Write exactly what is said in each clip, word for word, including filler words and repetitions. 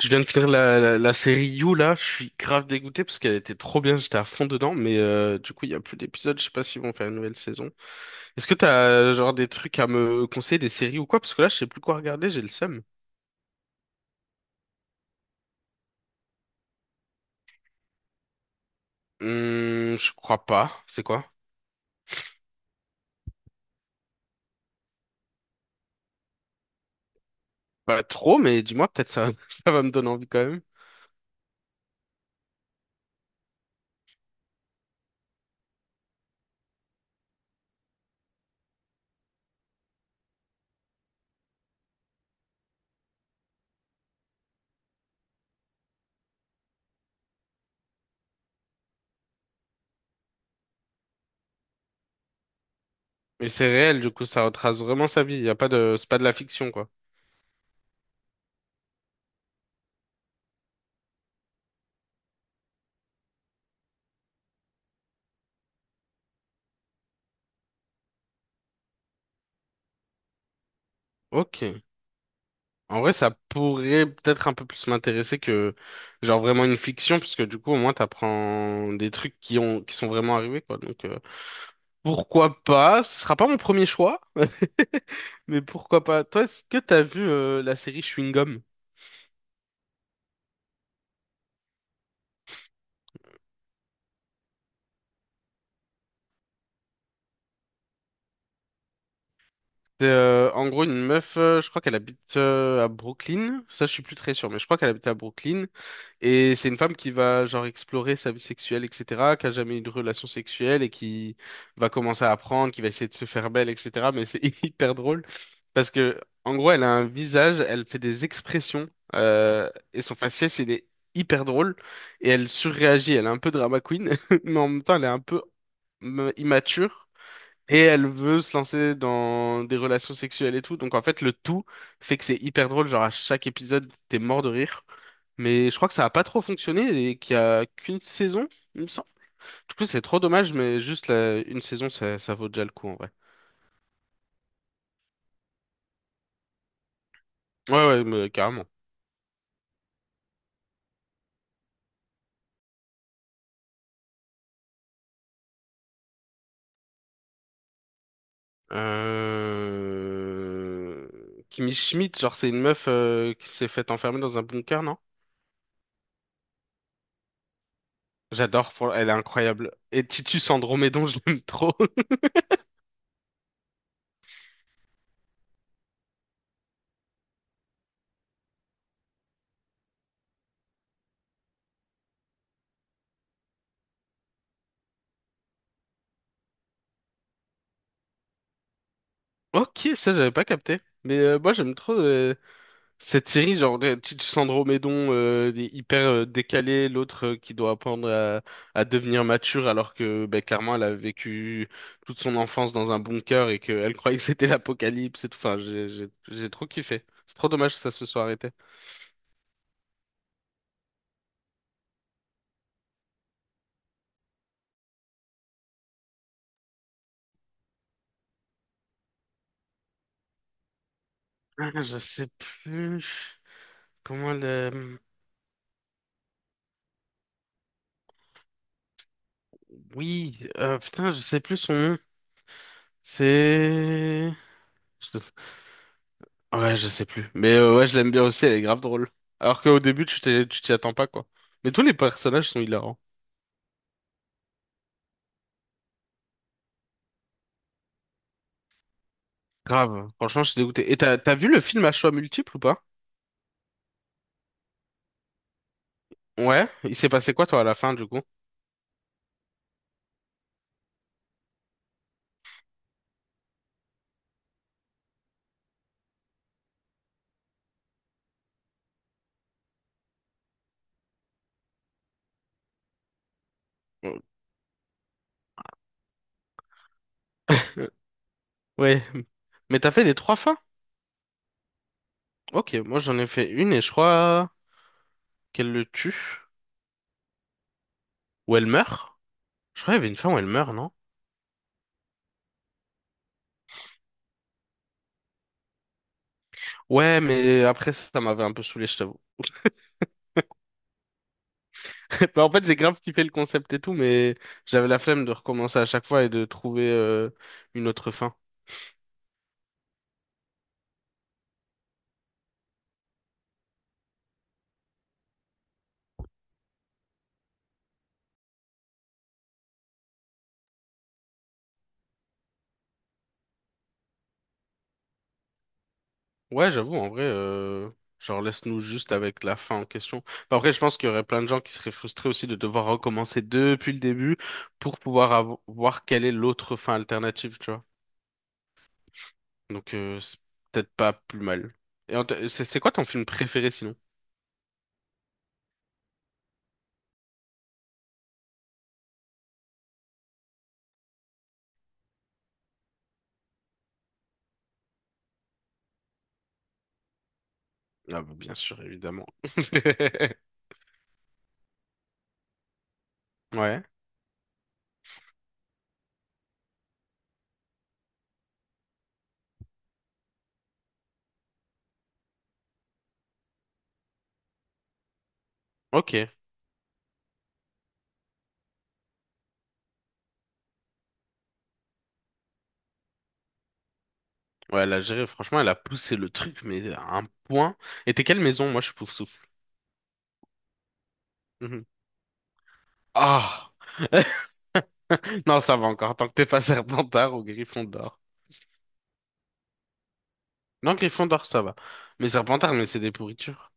Je viens de finir la, la, la série You là, je suis grave dégoûté parce qu'elle était trop bien, j'étais à fond dedans, mais euh, du coup il y a plus d'épisodes, je sais pas s'ils vont faire une nouvelle saison. Est-ce que t'as genre des trucs à me conseiller, des séries ou quoi? Parce que là je sais plus quoi regarder, j'ai le seum. Hum, je crois pas, c'est quoi? Pas trop, mais dis-moi peut-être ça, ça va me donner envie quand même. Mais c'est réel, du coup ça retrace vraiment sa vie, y a pas de, c'est pas de la fiction quoi. Ok. En vrai, ça pourrait peut-être un peu plus m'intéresser que genre vraiment une fiction, parce que du coup, au moins, t'apprends des trucs qui ont qui sont vraiment arrivés, quoi. Donc euh, pourquoi pas? Ce sera pas mon premier choix, mais pourquoi pas? Toi, est-ce que t'as vu euh, la série Chewing Gum? C'est euh, en gros une meuf, euh, je crois qu'elle habite euh, à Brooklyn. Ça, je suis plus très sûr, mais je crois qu'elle habite à Brooklyn. Et c'est une femme qui va genre explorer sa vie sexuelle, et cetera, qui a jamais eu de relation sexuelle et qui va commencer à apprendre, qui va essayer de se faire belle, et cetera. Mais c'est hyper drôle parce que en gros, elle a un visage, elle fait des expressions euh, et son faciès il est hyper drôle et elle surréagit. Elle est un peu drama queen, mais en même temps, elle est un peu me- immature et elle veut se lancer dans des relations sexuelles et tout. Donc en fait, le tout fait que c'est hyper drôle. Genre à chaque épisode, t'es mort de rire. Mais je crois que ça a pas trop fonctionné et qu'il y a qu'une saison, il me semble. Du coup, c'est trop dommage, mais juste la- une saison, ça, ça vaut déjà le coup, en vrai. Ouais, ouais, mais carrément. Euh... Kimi Schmidt, genre, c'est une meuf euh, qui s'est faite enfermer dans un bunker, non? J'adore, fran- elle est incroyable. Et Titus Andromédon, je l'aime trop. Ok, ça, j'avais pas capté. Mais euh, moi, j'aime trop. euh, Cette série, genre, euh, tu- Sandro Médon euh, il est hyper euh, décalé, l'autre euh, qui doit apprendre à, à devenir mature alors que ben, clairement elle a vécu toute son enfance dans un bunker et qu'elle croyait que c'était l'apocalypse et tout. Enfin, j'ai j'ai- j'ai trop kiffé. C'est trop dommage que ça se soit arrêté. Ah, je sais plus comment le... Oui, euh, putain, je sais plus son nom. C'est... Ouais, je sais plus. Mais euh, ouais, je l'aime bien aussi, elle est grave drôle. Alors qu'au début, tu t'es- tu t'y attends pas, quoi. Mais tous les personnages sont hilarants. Grave. Franchement, je suis dégoûté. Et t'as, t'as vu le film à choix multiples ou pas? Ouais. Il s'est passé quoi, toi, à la fin, du coup? Ouais. Mais t'as fait les trois fins? Ok, moi j'en ai fait une et je crois qu'elle le tue. Ou elle meurt? Je crois qu'il y avait une fin où elle meurt, non? Ouais, mais après ça, ça m'avait un peu saoulé, je t'avoue. Bah, en fait, j'ai grave kiffé le concept et tout, mais j'avais la flemme de recommencer à chaque fois et de trouver euh, une autre fin. Ouais, j'avoue, en vrai, euh, genre laisse-nous juste avec la fin en question. Enfin, après, je pense qu'il y aurait plein de gens qui seraient frustrés aussi de devoir recommencer depuis le début pour pouvoir avo- voir quelle est l'autre fin alternative, tu vois. Donc, euh, c'est peut-être pas plus mal. Et en t- c'est c'est quoi ton film préféré sinon? Ah, bah, bien sûr, évidemment. Ouais, ok. Ouais, la gérée, franchement, elle a poussé le truc, mais à un point. Et t'es quelle maison? Moi, je suis souffle. Mhm. Ah! Non, ça va encore, tant que t'es pas Serpentard ou Gryffondor. Non, Gryffondor, ça va. Mais Serpentard, mais c'est des pourritures.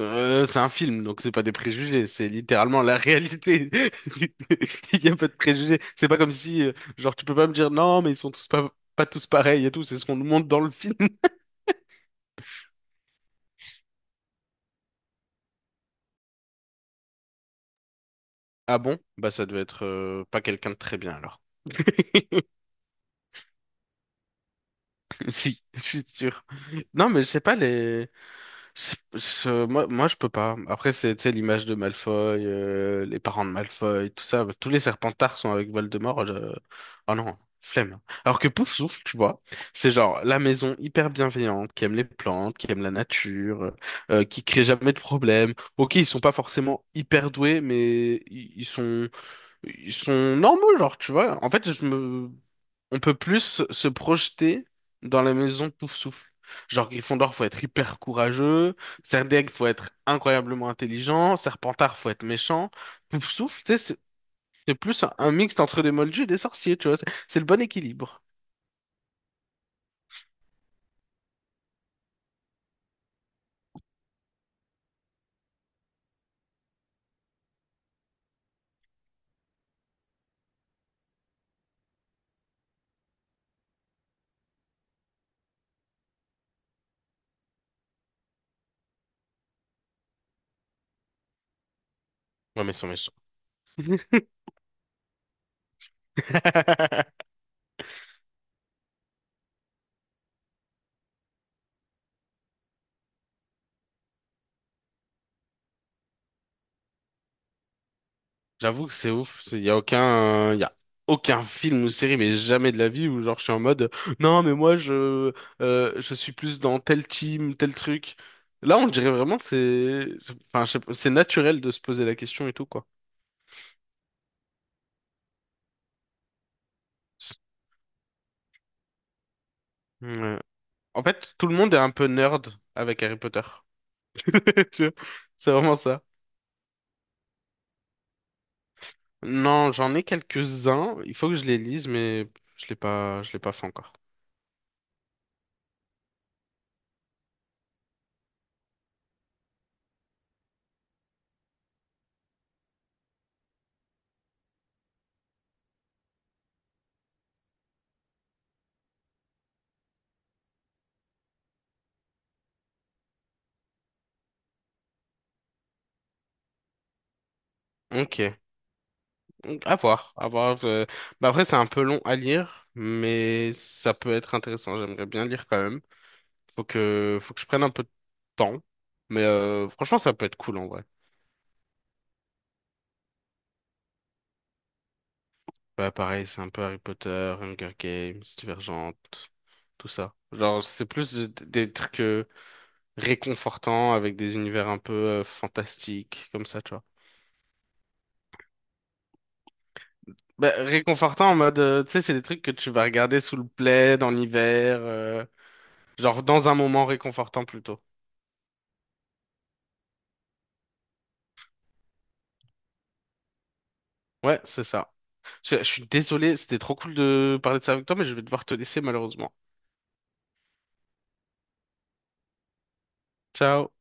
Euh, c'est un film, donc c'est pas des préjugés, c'est littéralement la réalité. Il y a pas de préjugés. C'est pas comme si, euh, genre, tu peux pas me dire non, mais ils sont tous pas, pas tous pareils et tout, c'est ce qu'on nous montre dans le film. Ah bon? Bah ça devait être euh, pas quelqu'un de très bien alors. Si, je suis sûr. Non, mais je sais pas les. C'est- c'est- moi, moi, je peux pas. Après, c'est, tu sais, l'image de Malfoy, euh, les parents de Malfoy, tout ça. Tous les Serpentards sont avec Voldemort. je- Oh non, flemme. Alors que Poufsouffle, tu vois, c'est genre la maison hyper bienveillante, qui aime les plantes, qui aime la nature, euh, qui crée jamais de problème. Ok, ils sont pas forcément hyper doués, mais i- ils sont ils sont normaux, genre, tu vois. En fait, je me... on peut plus se projeter dans la maison Pouf Souffle. Genre, Gryffondor, faut être hyper courageux. Serdaigle, faut être incroyablement intelligent. Serpentard, faut être méchant. Pouf Souffle, tu sais, c'est c'est plus un, un mixte entre des moldus et des sorciers, tu vois. C'est c'est le bon équilibre. Ouais, mais ils sont méchants. J'avoue que c'est ouf. c'est- Il y a aucun, il y a aucun film ou série, mais jamais de la vie où genre je suis en mode non mais moi je euh, je suis plus dans tel team, tel truc. Là on dirait vraiment c'est, enfin je sais pas, c'est naturel de se poser la question et tout quoi. Ouais. En fait tout le monde est un peu nerd avec Harry Potter. Tu vois, c'est vraiment ça. Non j'en ai quelques-uns. Il faut que je les lise mais je l'ai pas, je l'ai pas fait encore. Ok. Donc, à voir, à voir. je- Bah après, c'est un peu long à lire, mais ça peut être intéressant. J'aimerais bien lire quand même. Faut que, faut que je prenne un peu de temps. Mais euh, franchement, ça peut être cool en vrai. Bah pareil, c'est un peu Harry Potter, Hunger Games, Divergente, tout ça. Genre, c'est plus de- des trucs euh, réconfortants avec des univers un peu euh, fantastiques, comme ça, tu vois. Bah, réconfortant en mode, euh, tu sais, c'est des trucs que tu vas regarder sous le plaid en hiver, euh, genre dans un moment réconfortant plutôt. Ouais, c'est ça. Je, je suis désolé, c'était trop cool de parler de ça avec toi, mais je vais devoir te laisser malheureusement. Ciao.